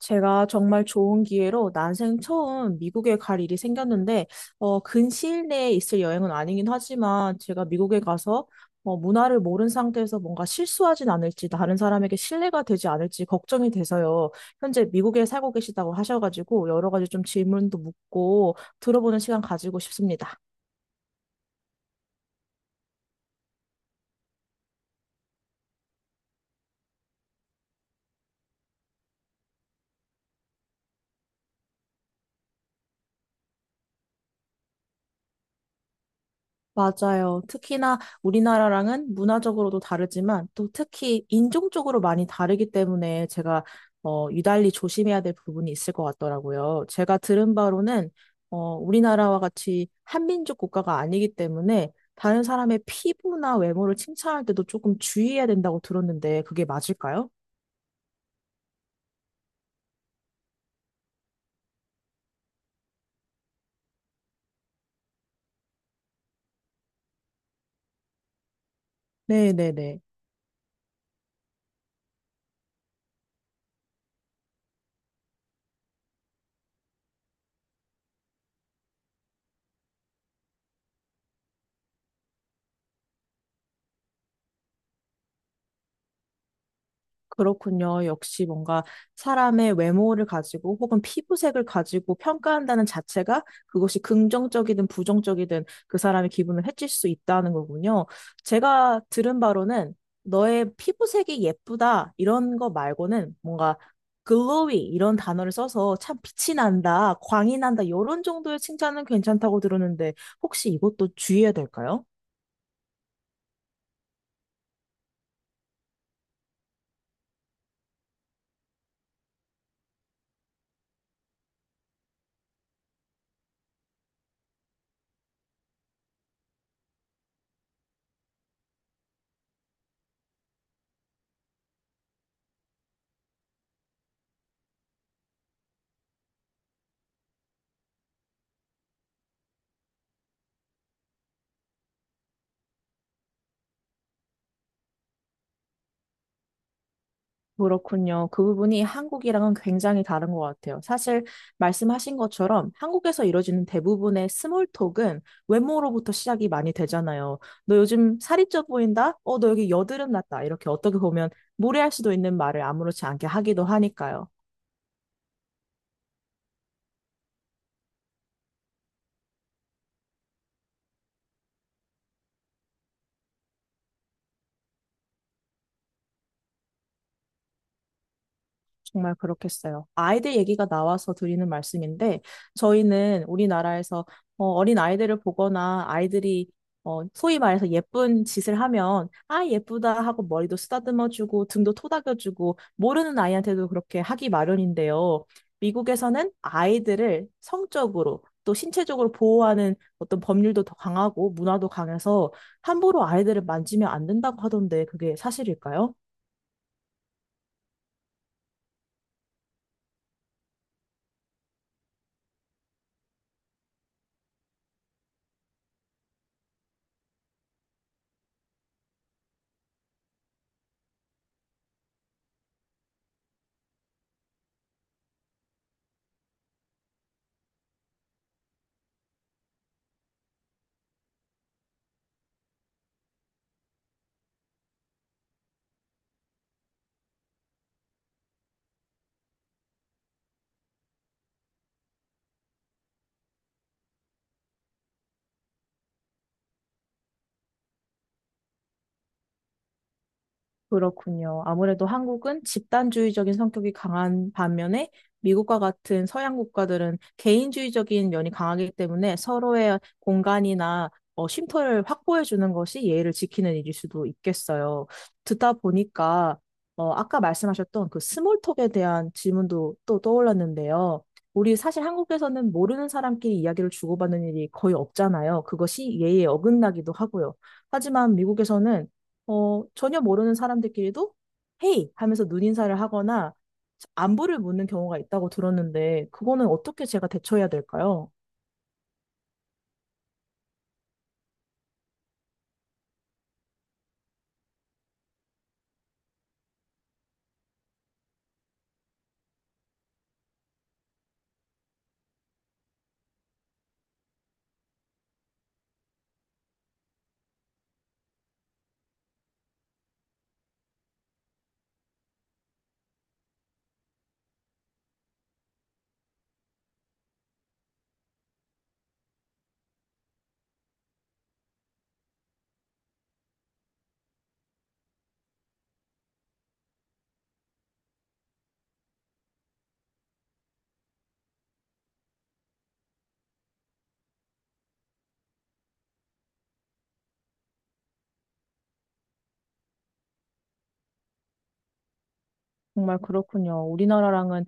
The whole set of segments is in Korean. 제가 정말 좋은 기회로 난생 처음 미국에 갈 일이 생겼는데, 근시일 내에 있을 여행은 아니긴 하지만, 제가 미국에 가서, 문화를 모른 상태에서 뭔가 실수하진 않을지, 다른 사람에게 신뢰가 되지 않을지 걱정이 돼서요. 현재 미국에 살고 계시다고 하셔가지고, 여러 가지 좀 질문도 묻고, 들어보는 시간 가지고 싶습니다. 맞아요. 특히나 우리나라랑은 문화적으로도 다르지만 또 특히 인종적으로 많이 다르기 때문에 제가 유달리 조심해야 될 부분이 있을 것 같더라고요. 제가 들은 바로는 우리나라와 같이 한민족 국가가 아니기 때문에 다른 사람의 피부나 외모를 칭찬할 때도 조금 주의해야 된다고 들었는데 그게 맞을까요? 네네네. 그렇군요. 역시 뭔가 사람의 외모를 가지고 혹은 피부색을 가지고 평가한다는 자체가 그것이 긍정적이든 부정적이든 그 사람의 기분을 해칠 수 있다는 거군요. 제가 들은 바로는 너의 피부색이 예쁘다 이런 거 말고는 뭔가 글로이 이런 단어를 써서 참 빛이 난다, 광이 난다 이런 정도의 칭찬은 괜찮다고 들었는데 혹시 이것도 주의해야 될까요? 그렇군요. 그 부분이 한국이랑은 굉장히 다른 것 같아요. 사실 말씀하신 것처럼 한국에서 이루어지는 대부분의 스몰톡은 외모로부터 시작이 많이 되잖아요. 너 요즘 살이 쪄 보인다? 너 여기 여드름 났다. 이렇게 어떻게 보면 무례할 수도 있는 말을 아무렇지 않게 하기도 하니까요. 정말 그렇겠어요. 아이들 얘기가 나와서 드리는 말씀인데, 저희는 우리나라에서 어린 아이들을 보거나 아이들이 소위 말해서 예쁜 짓을 하면, 아, 예쁘다 하고 머리도 쓰다듬어주고, 등도 토닥여주고, 모르는 아이한테도 그렇게 하기 마련인데요. 미국에서는 아이들을 성적으로 또 신체적으로 보호하는 어떤 법률도 더 강하고, 문화도 강해서 함부로 아이들을 만지면 안 된다고 하던데, 그게 사실일까요? 그렇군요. 아무래도 한국은 집단주의적인 성격이 강한 반면에 미국과 같은 서양 국가들은 개인주의적인 면이 강하기 때문에 서로의 공간이나 쉼터를 확보해 주는 것이 예의를 지키는 일일 수도 있겠어요. 듣다 보니까 아까 말씀하셨던 그 스몰톡에 대한 질문도 또 떠올랐는데요. 우리 사실 한국에서는 모르는 사람끼리 이야기를 주고받는 일이 거의 없잖아요. 그것이 예의에 어긋나기도 하고요. 하지만 미국에서는 전혀 모르는 사람들끼리도 헤이 하면서 눈인사를 하거나 안부를 묻는 경우가 있다고 들었는데 그거는 어떻게 제가 대처해야 될까요? 정말 그렇군요. 우리나라랑은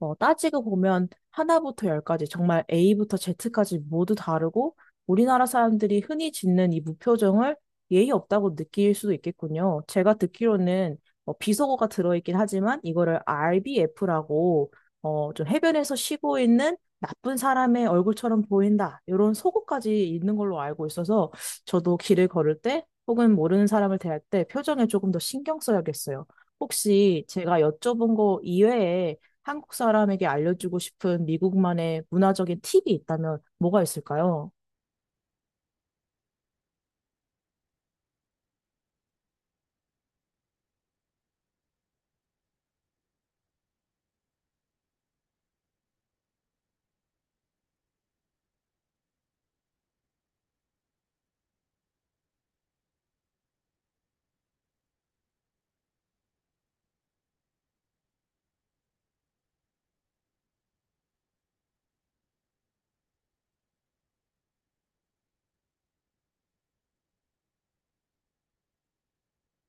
따지고 보면 하나부터 열까지 정말 A부터 Z까지 모두 다르고 우리나라 사람들이 흔히 짓는 이 무표정을 예의 없다고 느낄 수도 있겠군요. 제가 듣기로는 비속어가 들어있긴 하지만 이거를 RBF라고 좀 해변에서 쉬고 있는 나쁜 사람의 얼굴처럼 보인다. 이런 속어까지 있는 걸로 알고 있어서 저도 길을 걸을 때 혹은 모르는 사람을 대할 때 표정에 조금 더 신경 써야겠어요. 혹시 제가 여쭤본 거 이외에 한국 사람에게 알려주고 싶은 미국만의 문화적인 팁이 있다면 뭐가 있을까요?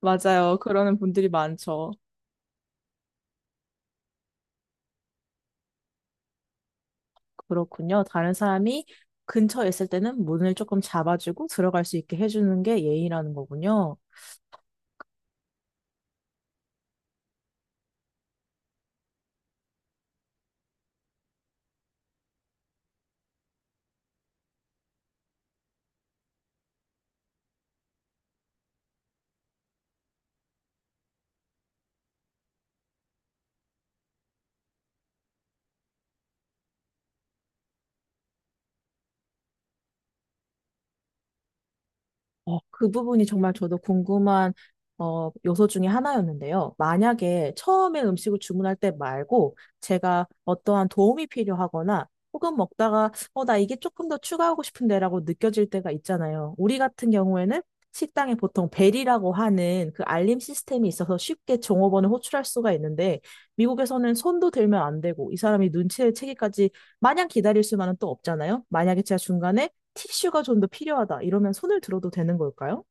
맞아요. 그러는 분들이 많죠. 그렇군요. 다른 사람이 근처에 있을 때는 문을 조금 잡아주고 들어갈 수 있게 해주는 게 예의라는 거군요. 그 부분이 정말 저도 궁금한 요소 중에 하나였는데요. 만약에 처음에 음식을 주문할 때 말고 제가 어떠한 도움이 필요하거나 혹은 먹다가 나 이게 조금 더 추가하고 싶은데라고 느껴질 때가 있잖아요. 우리 같은 경우에는 식당에 보통 벨이라고 하는 그 알림 시스템이 있어서 쉽게 종업원을 호출할 수가 있는데 미국에서는 손도 들면 안 되고 이 사람이 눈치를 채기까지 마냥 기다릴 수만은 또 없잖아요. 만약에 제가 중간에 티슈가 좀 더 필요하다. 이러면 손을 들어도 되는 걸까요?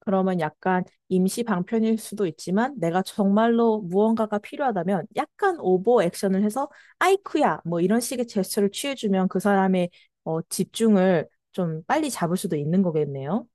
그러면 약간 임시 방편일 수도 있지만 내가 정말로 무언가가 필요하다면 약간 오버 액션을 해서 아이쿠야 뭐 이런 식의 제스처를 취해주면 그 사람의 집중을 좀 빨리 잡을 수도 있는 거겠네요.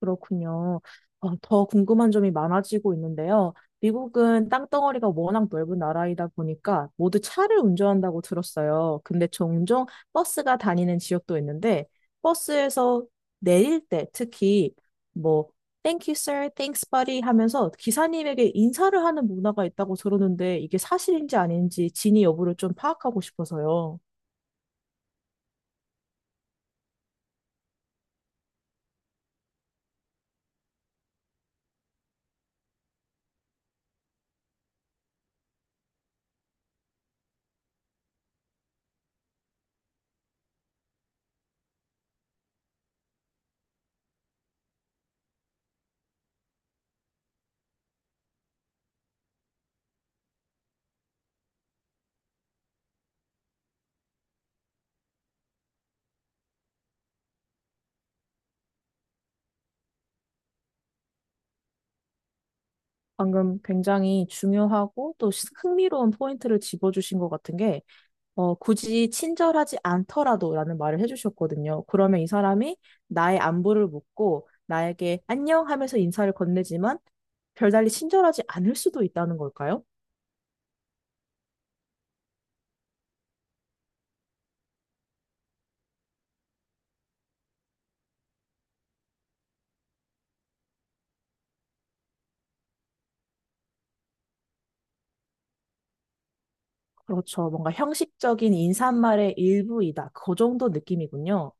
그렇군요. 더 궁금한 점이 많아지고 있는데요. 미국은 땅덩어리가 워낙 넓은 나라이다 보니까 모두 차를 운전한다고 들었어요. 근데 종종 버스가 다니는 지역도 있는데 버스에서 내릴 때 특히 뭐 Thank you, sir. Thanks, buddy 하면서 기사님에게 인사를 하는 문화가 있다고 들었는데 이게 사실인지 아닌지 진위 여부를 좀 파악하고 싶어서요. 방금 굉장히 중요하고 또 흥미로운 포인트를 짚어주신 것 같은 게 굳이 친절하지 않더라도라는 말을 해주셨거든요. 그러면 이 사람이 나의 안부를 묻고 나에게 안녕 하면서 인사를 건네지만 별달리 친절하지 않을 수도 있다는 걸까요? 그렇죠. 뭔가 형식적인 인사말의 일부이다. 그 정도 느낌이군요.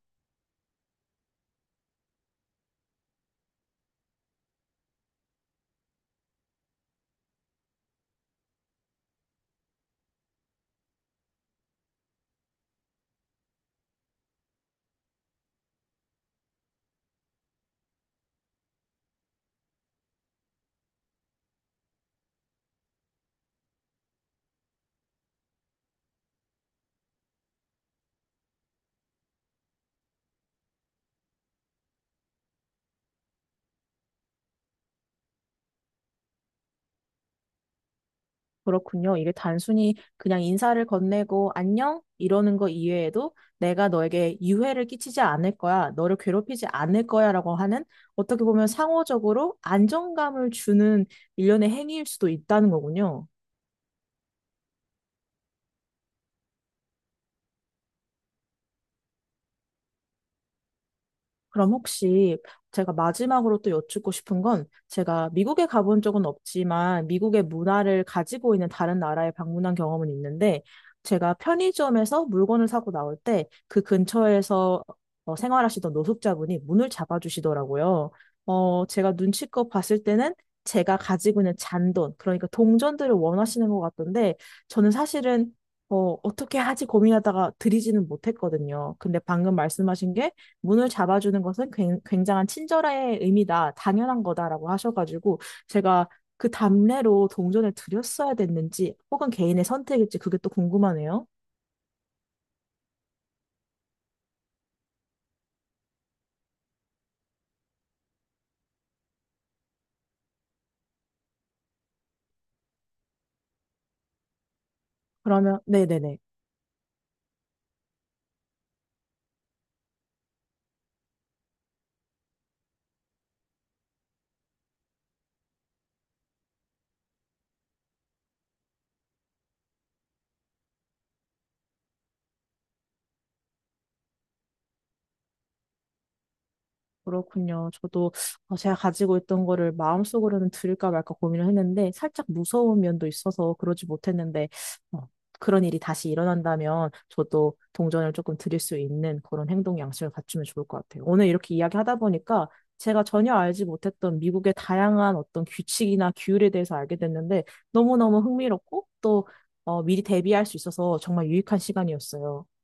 그렇군요. 이게 단순히 그냥 인사를 건네고 안녕 이러는 거 이외에도 내가 너에게 유해를 끼치지 않을 거야, 너를 괴롭히지 않을 거야라고 하는 어떻게 보면 상호적으로 안정감을 주는 일련의 행위일 수도 있다는 거군요. 그럼 혹시 제가 마지막으로 또 여쭙고 싶은 건 제가 미국에 가본 적은 없지만 미국의 문화를 가지고 있는 다른 나라에 방문한 경험은 있는데 제가 편의점에서 물건을 사고 나올 때 그 근처에서 생활하시던 노숙자분이 문을 잡아주시더라고요. 제가 눈치껏 봤을 때는 제가 가지고 있는 잔돈, 그러니까 동전들을 원하시는 것 같던데 저는 사실은 어떻게 하지 고민하다가 드리지는 못했거든요. 근데 방금 말씀하신 게 문을 잡아주는 것은 굉장한 친절의 의미다, 당연한 거다라고 하셔가지고 제가 그 답례로 동전을 드렸어야 됐는지 혹은 개인의 선택일지 그게 또 궁금하네요. 그러면 네네네. 그렇군요. 저도 제가 가지고 있던 거를 마음속으로는 드릴까 말까 고민을 했는데 살짝 무서운 면도 있어서 그러지 못했는데 어, 그런 일이 다시 일어난다면 저도 동전을 조금 드릴 수 있는 그런 행동 양식을 갖추면 좋을 것 같아요. 오늘 이렇게 이야기하다 보니까 제가 전혀 알지 못했던 미국의 다양한 어떤 규칙이나 규율에 대해서 알게 됐는데 너무너무 흥미롭고 또 미리 대비할 수 있어서 정말 유익한 시간이었어요.